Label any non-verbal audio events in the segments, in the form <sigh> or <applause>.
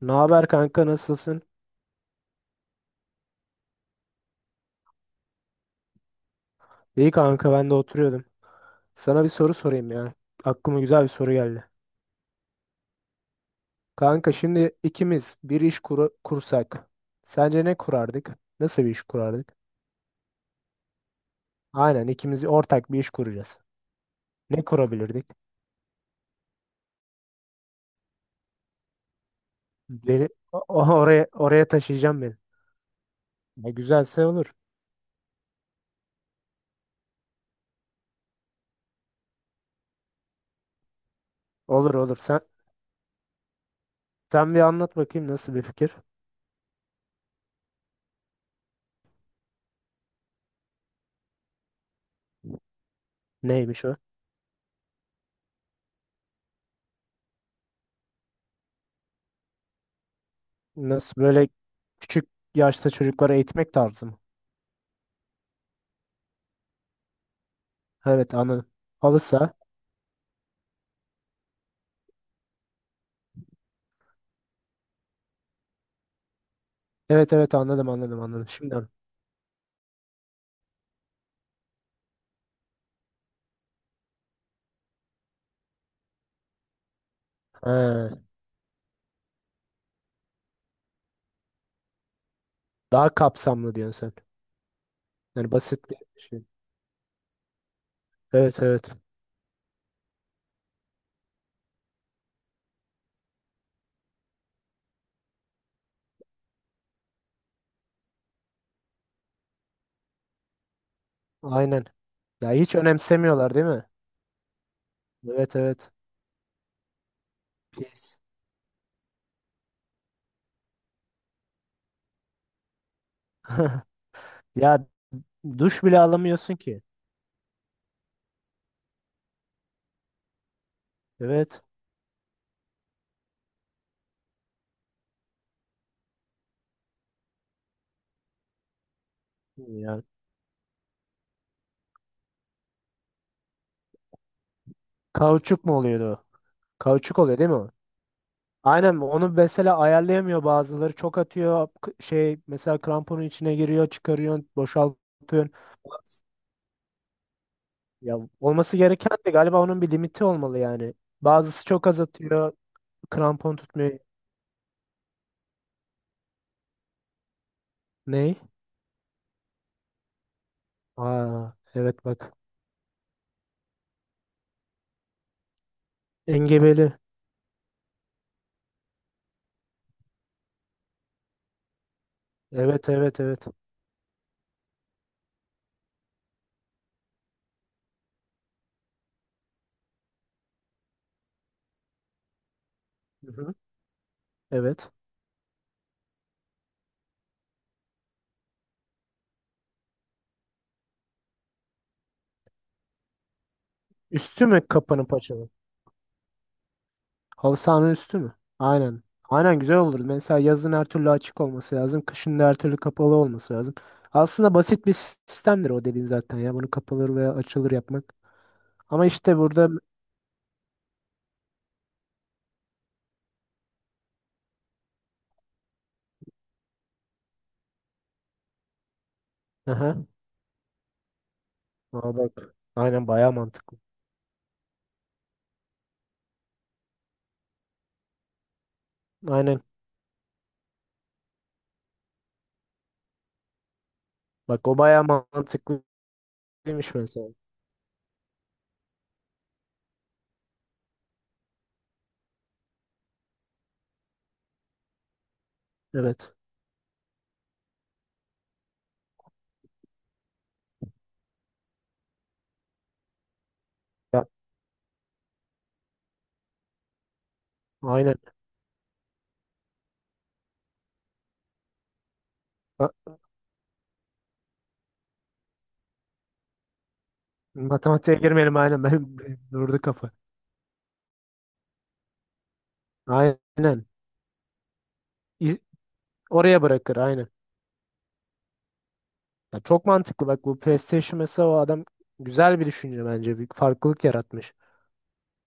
Ne haber kanka nasılsın? İyi kanka ben de oturuyordum. Sana bir soru sorayım ya. Aklıma güzel bir soru geldi. Kanka şimdi ikimiz bir iş kursak. Sence ne kurardık? Nasıl bir iş kurardık? Aynen, ikimiz ortak bir iş kuracağız. Ne kurabilirdik? Beni oraya taşıyacağım beni. Ya güzelse olur. Olur olur. Sen bir anlat bakayım, nasıl bir fikir? Neymiş o? Nasıl böyle küçük yaşta çocuklara eğitmek tarzı mı? Evet anı. Evet evet, anladım anladım anladım. Şimdi anladım. He, daha kapsamlı diyorsun sen. Yani basit bir şey. Evet evet. Aynen. Ya hiç önemsemiyorlar değil mi? Evet evet. Pis. Ya duş bile alamıyorsun ki. Evet. Ya, kauçuk mu oluyordu o? Kauçuk oluyor değil mi o? Aynen, onu mesela ayarlayamıyor bazıları. Çok atıyor, şey, mesela kramponun içine giriyor, çıkarıyorsun boşaltıyorsun. Ya olması gereken de galiba onun bir limiti olmalı yani. Bazısı çok az atıyor. Krampon tutmuyor. Ney? Aa, evet bak. Engebeli. Evet evet evet. Hı hı. Evet. Üstü mü kapanın paçalı? Halı sahanın üstü mü? Aynen. Aynen güzel olur. Mesela yazın her türlü açık olması lazım. Kışın da her türlü kapalı olması lazım. Aslında basit bir sistemdir o dediğin zaten ya. Bunu kapalı veya açılır yapmak. Ama işte burada... Aha. Aa bak. Aynen bayağı mantıklı. Aynen. Bak, o bayağı mantıklıymış mesela. Evet. Ya, aynen. Ha, matematiğe girmeyelim aynen. <laughs> Benim durdu kafa. Aynen. İz- Oraya bırakır aynen. Ya, çok mantıklı. Bak, bu PlayStation mesela, o adam güzel bir düşünce bence. Bir farklılık yaratmış.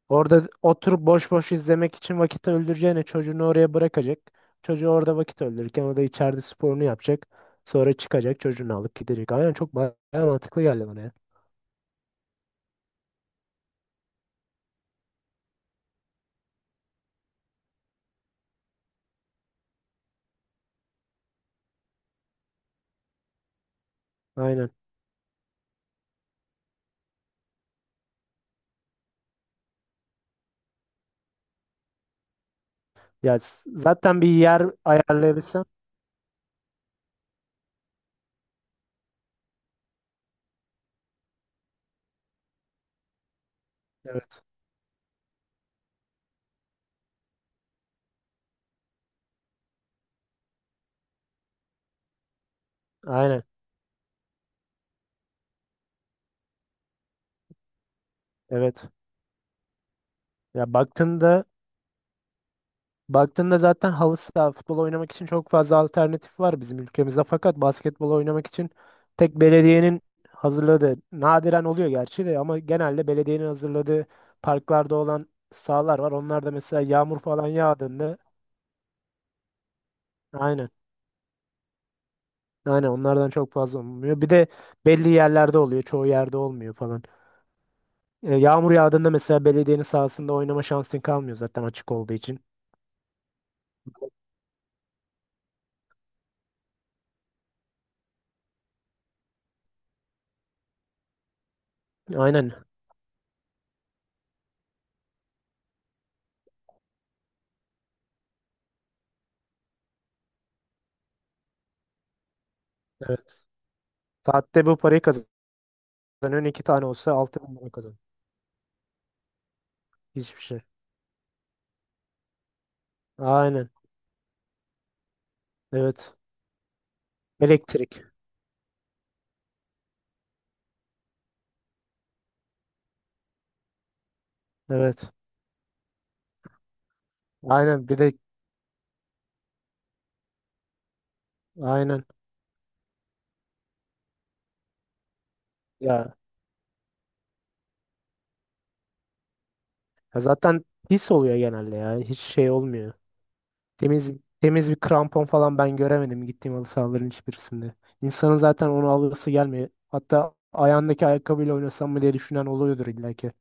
Orada oturup boş boş izlemek için vakit öldüreceğine çocuğunu oraya bırakacak. Çocuğu orada vakit öldürürken o da içeride sporunu yapacak. Sonra çıkacak, çocuğunu alıp gidecek. Aynen, çok bayağı mantıklı geldi bana ya. Aynen. Ya zaten bir yer ayarlayabilsem. Evet. Aynen. Evet. Ya baktığında zaten halı saha futbol oynamak için çok fazla alternatif var bizim ülkemizde. Fakat basketbol oynamak için tek belediyenin hazırladığı nadiren oluyor gerçi de, ama genelde belediyenin hazırladığı parklarda olan sahalar var. Onlar da mesela yağmur falan yağdığında aynen. Aynen, onlardan çok fazla olmuyor. Bir de belli yerlerde oluyor. Çoğu yerde olmuyor falan. E, yağmur yağdığında mesela belediyenin sahasında oynama şansın kalmıyor zaten, açık olduğu için. Aynen. Evet. Saatte bu parayı kazanıyorsun. İki tane olsa 6.000 lira kazan. Hiçbir şey. Aynen. Evet. Elektrik. Evet. Aynen. Bir de aynen. Ya, ya zaten pis oluyor genelde ya. Hiç şey olmuyor. Temiz temiz bir krampon falan ben göremedim gittiğim halı sahaların hiçbirisinde. İnsanın zaten onu alırsa gelmiyor. Hatta ayağındaki ayakkabıyla oynasam mı diye düşünen oluyordur illa ki.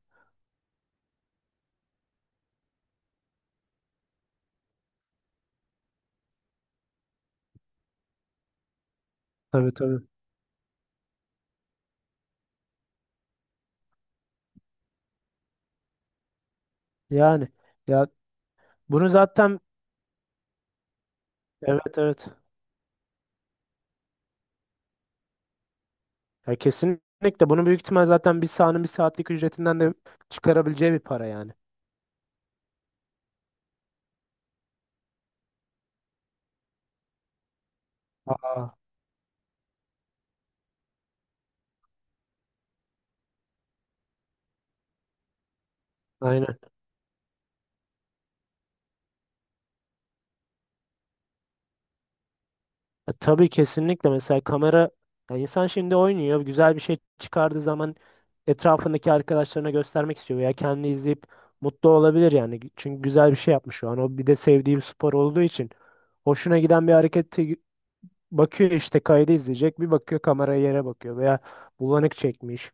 Tabii tabii. Yani ya bunu zaten, evet evet. Ya kesinlikle bunu büyük ihtimal zaten bir sahanın bir saatlik ücretinden de çıkarabileceği bir para yani. Aa. Aynen. Ya tabii, kesinlikle mesela kamera, ya insan şimdi oynuyor, güzel bir şey çıkardığı zaman etrafındaki arkadaşlarına göstermek istiyor veya kendi izleyip mutlu olabilir yani. Çünkü güzel bir şey yapmış şu an. O bir de sevdiği bir spor olduğu için hoşuna giden bir hareketi bakıyor, işte kaydı izleyecek, bir bakıyor kameraya, yere bakıyor veya bulanık çekmiş.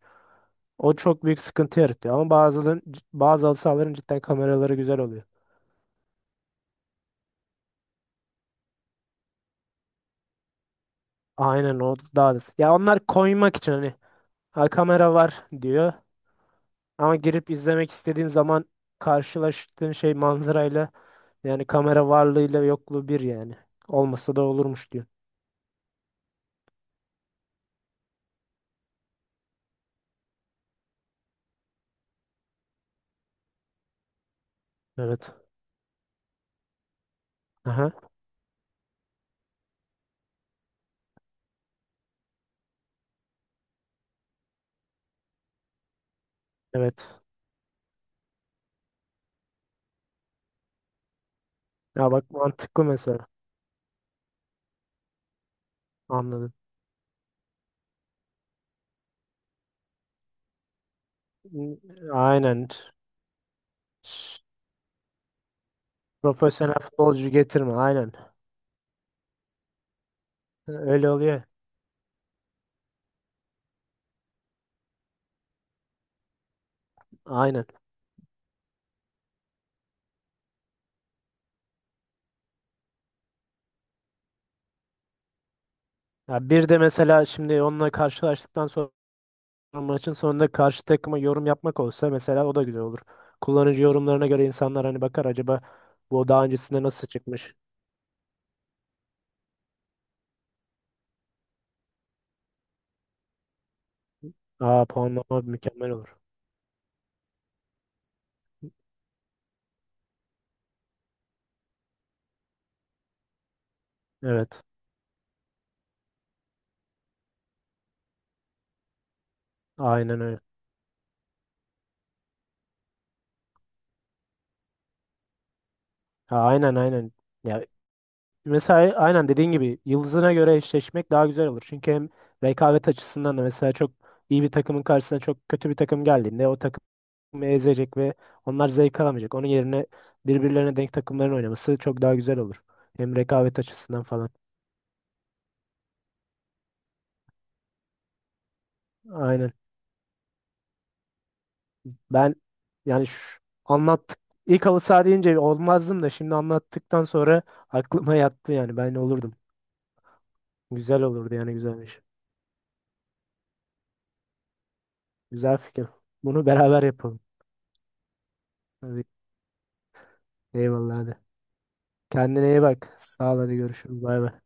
O çok büyük sıkıntı yaratıyor, ama bazı halı sahaların cidden kameraları güzel oluyor. Aynen o daha da. Ya onlar koymak için hani, ha, kamera var diyor, ama girip izlemek istediğin zaman karşılaştığın şey, manzarayla, yani kamera varlığıyla yokluğu bir yani. Olmasa da olurmuş diyor. Evet. Aha. Evet. Ya bak, mantıklı mesela. Anladım. N- Aynen. Ş- Profesyonel futbolcu getirme. Aynen. Öyle oluyor. Aynen. Ya bir de mesela şimdi onunla karşılaştıktan sonra maçın sonunda karşı takıma yorum yapmak olsa mesela, o da güzel olur. Kullanıcı yorumlarına göre insanlar hani bakar, acaba bu daha öncesinde nasıl çıkmış? Aa, puanlama mükemmel olur. Evet. Aynen öyle. Ha, aynen aynen. Ya mesela aynen dediğin gibi yıldızına göre eşleşmek daha güzel olur. Çünkü hem rekabet açısından da mesela çok iyi bir takımın karşısına çok kötü bir takım geldiğinde o takım ezecek ve onlar zevk alamayacak. Onun yerine birbirlerine denk takımların oynaması çok daha güzel olur. Hem rekabet açısından falan. Aynen. Ben yani şu, anlattık. İlk halı saha deyince olmazdım da, şimdi anlattıktan sonra aklıma yattı yani, ben olurdum. Güzel olurdu yani, güzelmiş. Güzel fikir. Bunu beraber yapalım. Hadi eyvallah, hadi. Kendine iyi bak. Sağ ol, hadi görüşürüz. Bay bay.